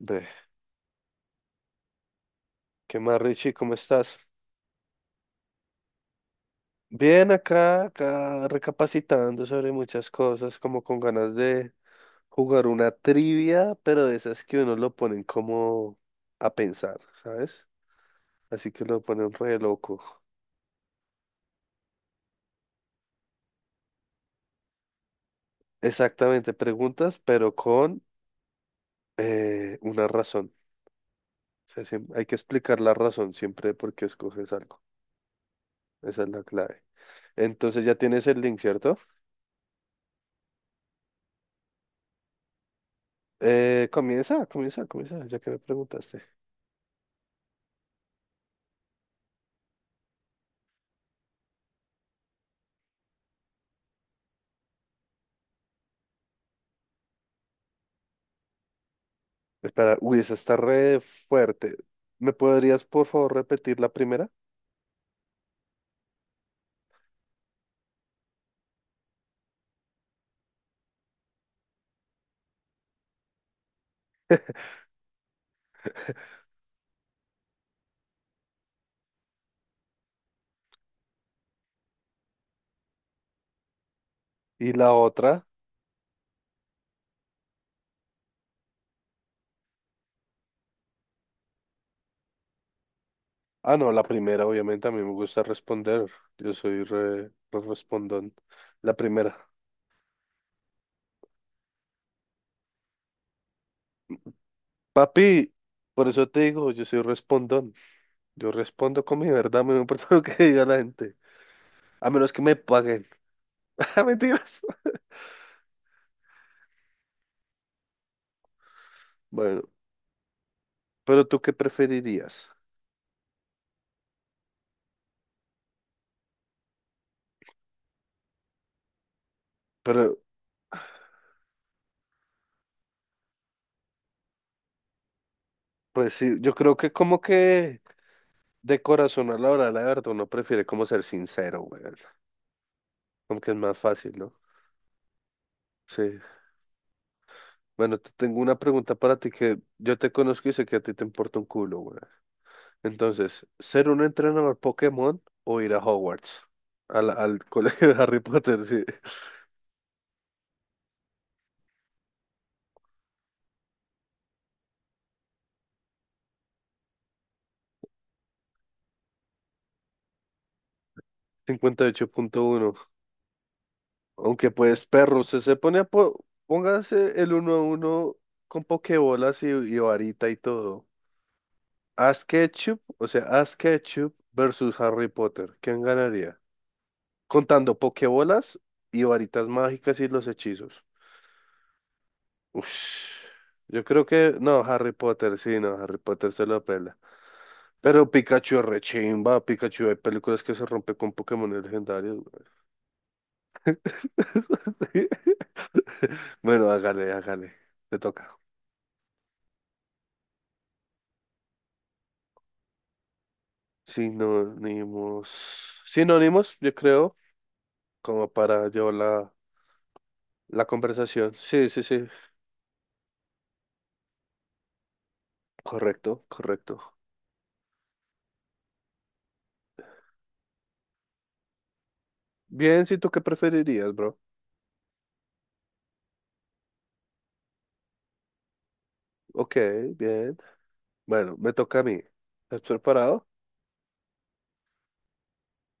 Ve, ¿qué más, Richie? ¿Cómo estás? Bien, acá recapacitando sobre muchas cosas, como con ganas de jugar una trivia, pero de esas que uno lo ponen como a pensar, ¿sabes? Así que lo ponen re loco. Exactamente, preguntas, pero con una razón. O sea, hay que explicar la razón siempre de por qué escoges algo. Esa es la clave. Entonces ya tienes el link, ¿cierto? Comienza, comienza, comienza, ya que me preguntaste. Espera, uy, esa está re fuerte. ¿Me podrías, por favor, repetir la primera? ¿Y la otra? Ah, no, la primera, obviamente, a mí me gusta responder. Yo soy re respondón. La primera. Papi, por eso te digo, yo soy respondón. Yo respondo con mi verdad, a no me importa lo que diga la gente. A menos que me paguen. Mentiras. Bueno, pero ¿tú qué preferirías? Pero, pues sí, yo creo que como que de corazón a la hora de la verdad uno prefiere como ser sincero, güey. Como que es más fácil, ¿no? Sí. Bueno, te tengo una pregunta para ti que yo te conozco y sé que a ti te importa un culo, güey. Entonces, ¿ser un entrenador Pokémon o ir a Hogwarts? Al colegio de Harry Potter, sí. 58,1. Aunque pues, perro, se pone a... po- Póngase el uno a uno con pokebolas y varita y todo. Ash Ketchum, o sea, Ash Ketchum versus Harry Potter. ¿Quién ganaría? Contando pokebolas y varitas mágicas y los hechizos. Uf, yo creo que no, Harry Potter, sí, no, Harry Potter se lo pela. Pero Pikachu es rechimba, Pikachu, hay películas que se rompe con Pokémon legendarios. Güey. Bueno, hágale, hágale, te toca. Sinónimos, sinónimos, yo creo, como para llevar la conversación. Sí, sí, sí, correcto, correcto. Bien, si tú qué preferirías, bro. Ok, bien. Bueno, me toca a mí. ¿Estás preparado?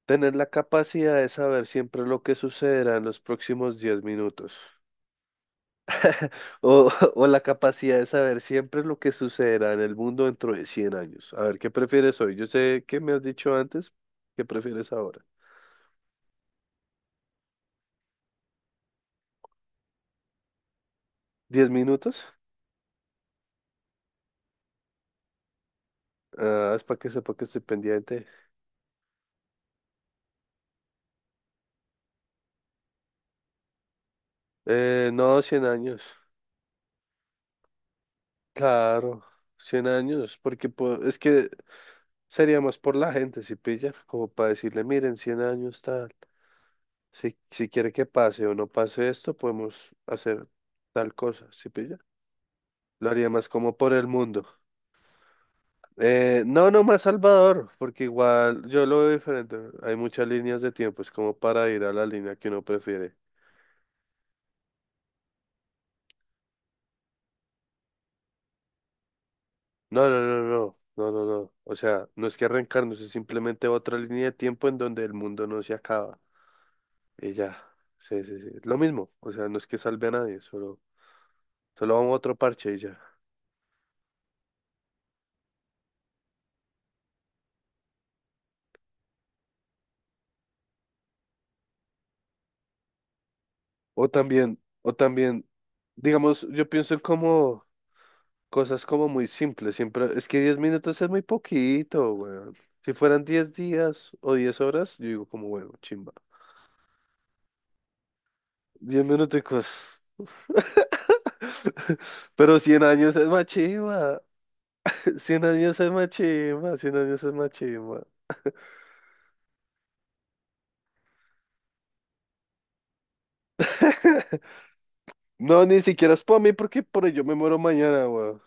Tener la capacidad de saber siempre lo que sucederá en los próximos 10 minutos. O, o la capacidad de saber siempre lo que sucederá en el mundo dentro de 100 años. A ver, ¿qué prefieres hoy? Yo sé que me has dicho antes. ¿Qué prefieres ahora? ¿10 minutos? Ah, es para que sepa que estoy pendiente. No, 100 años. Claro, 100 años. Porque es que sería más por la gente, si pilla, como para decirle, miren, 100 años tal. Si, si quiere que pase o no pase esto, podemos hacer tal cosa, ¿sí pilla? Lo haría más como por el mundo. No, no más Salvador, porque igual yo lo veo diferente. Hay muchas líneas de tiempo, es como para ir a la línea que uno prefiere. No, no, no, no, no, no, no. O sea, no es que arrancarnos, es simplemente otra línea de tiempo en donde el mundo no se acaba. Y ya, sí, sí, sí. Lo mismo, o sea, no es que salve a nadie, solo vamos a otro parche y ya. O también, digamos, yo pienso en como cosas como muy simples, siempre, es que 10 minutos es muy poquito, weón. Si fueran 10 días o 10 horas, yo digo como, bueno, chimba. Diez minuticos. Pero 100 años es más chimba. 100 años es más chimba, 100 años es más chimba. No, ni siquiera es por mí, porque por ello me muero mañana, weón.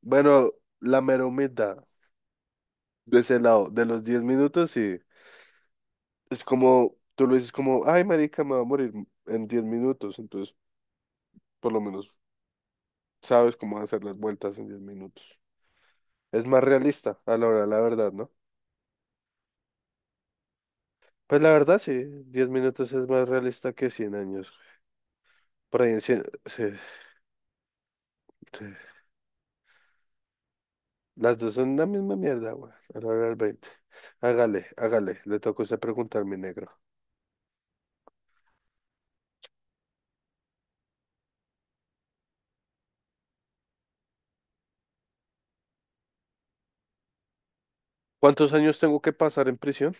Bueno, la mera humildad de ese lado, de los 10 minutos, sí. Es como, tú lo dices como, ay, marica, me va a morir en 10 minutos, entonces por lo menos sabes cómo hacer las vueltas en 10 minutos. Es más realista a la hora de la verdad, ¿no? Pues la verdad sí, 10 minutos es más realista que 100 años. Por ahí en 100 sí, sí. Las dos son la misma mierda, güey, a la hora del veinte. Hágale, hágale, le toca a usted preguntar, mi negro. ¿Cuántos años tengo que pasar en prisión?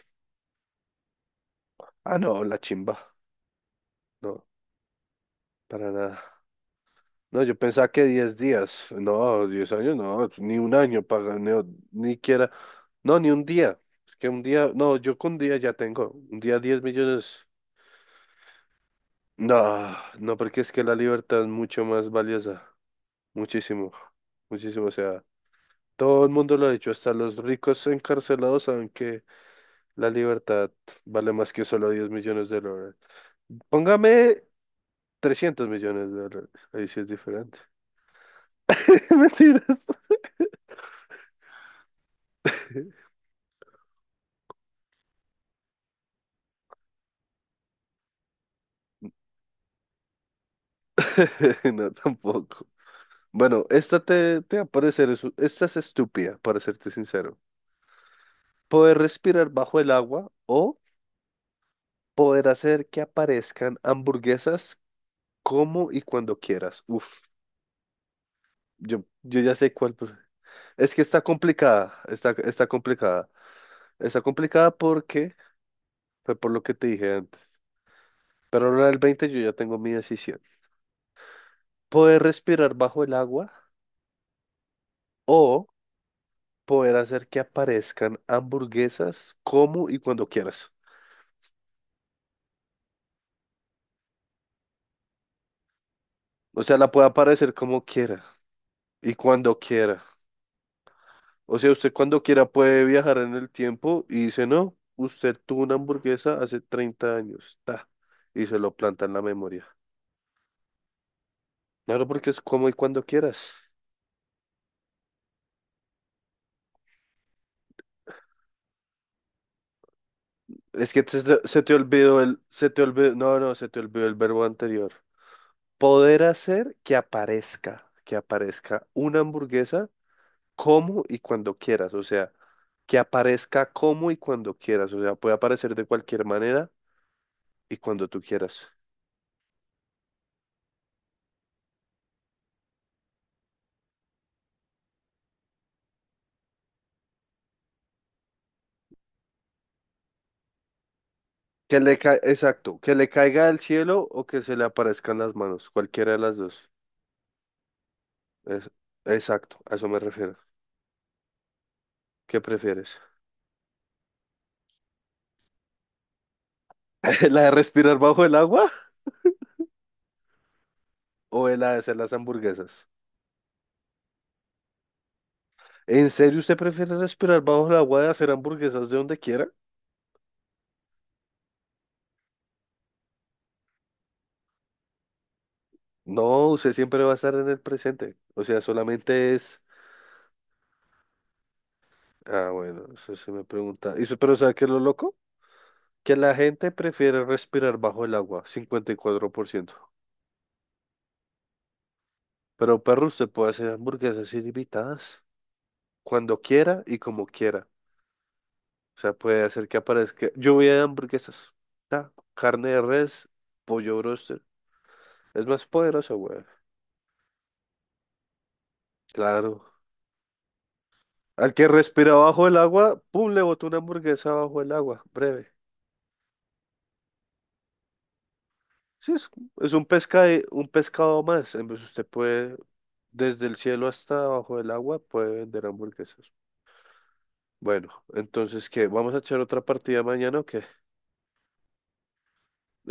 Ah, no, la chimba, no, para nada. No, yo pensaba que 10 días. No, 10 años, no, ni un año para ni quiera. No, ni un día. Es que un día, no, yo con un día ya tengo. Un día 10 millones. No, no, porque es que la libertad es mucho más valiosa. Muchísimo, muchísimo. O sea, todo el mundo lo ha dicho, hasta los ricos encarcelados saben que la libertad vale más que solo 10 millones de dólares. Póngame 300 millones de dólares. Ahí sí es diferente. Mentiras. No, tampoco. Bueno, esta te va a parecer, esta es estúpida, para serte sincero. Poder respirar bajo el agua o poder hacer que aparezcan hamburguesas como y cuando quieras. Uf, yo ya sé cuál, pues. Es que está complicada, está complicada. Está complicada porque fue por lo que te dije antes. Pero la del 20 yo ya tengo mi decisión. Poder respirar bajo el agua o poder hacer que aparezcan hamburguesas como y cuando quieras. O sea, la puede aparecer como quiera y cuando quiera. O sea, usted cuando quiera puede viajar en el tiempo y dice, no, usted tuvo una hamburguesa hace 30 años, ta, y se lo planta en la memoria. Claro, porque es como y cuando quieras. Es que se te olvidó el, se te olvidó, no, no, se te olvidó el verbo anterior. Poder hacer que aparezca una hamburguesa como y cuando quieras. O sea, que aparezca como y cuando quieras. O sea, puede aparecer de cualquier manera y cuando tú quieras. Que exacto, que le caiga del cielo o que se le aparezcan las manos, cualquiera de las dos. Es- Exacto, a eso me refiero. ¿Qué prefieres? ¿La de respirar bajo el agua o la de hacer las hamburguesas? ¿En serio usted prefiere respirar bajo el agua y hacer hamburguesas de donde quiera? No, usted siempre va a estar en el presente. O sea, solamente es... Ah, bueno, eso se me pregunta. ¿Y pero sabe qué es lo loco? Que la gente prefiere respirar bajo el agua, 54%. Pero perro, usted puede hacer hamburguesas ilimitadas cuando quiera y como quiera. O sea, puede hacer que aparezca lluvia de hamburguesas, ta, carne de res, pollo broster. Es más poderosa, güey. Claro. Al que respira bajo el agua, pum, le botó una hamburguesa bajo el agua. Breve. Sí, es un pescado más. En vez usted puede, desde el cielo hasta abajo del agua, puede vender hamburguesas. Bueno, entonces, ¿qué? ¿Vamos a echar otra partida mañana o qué?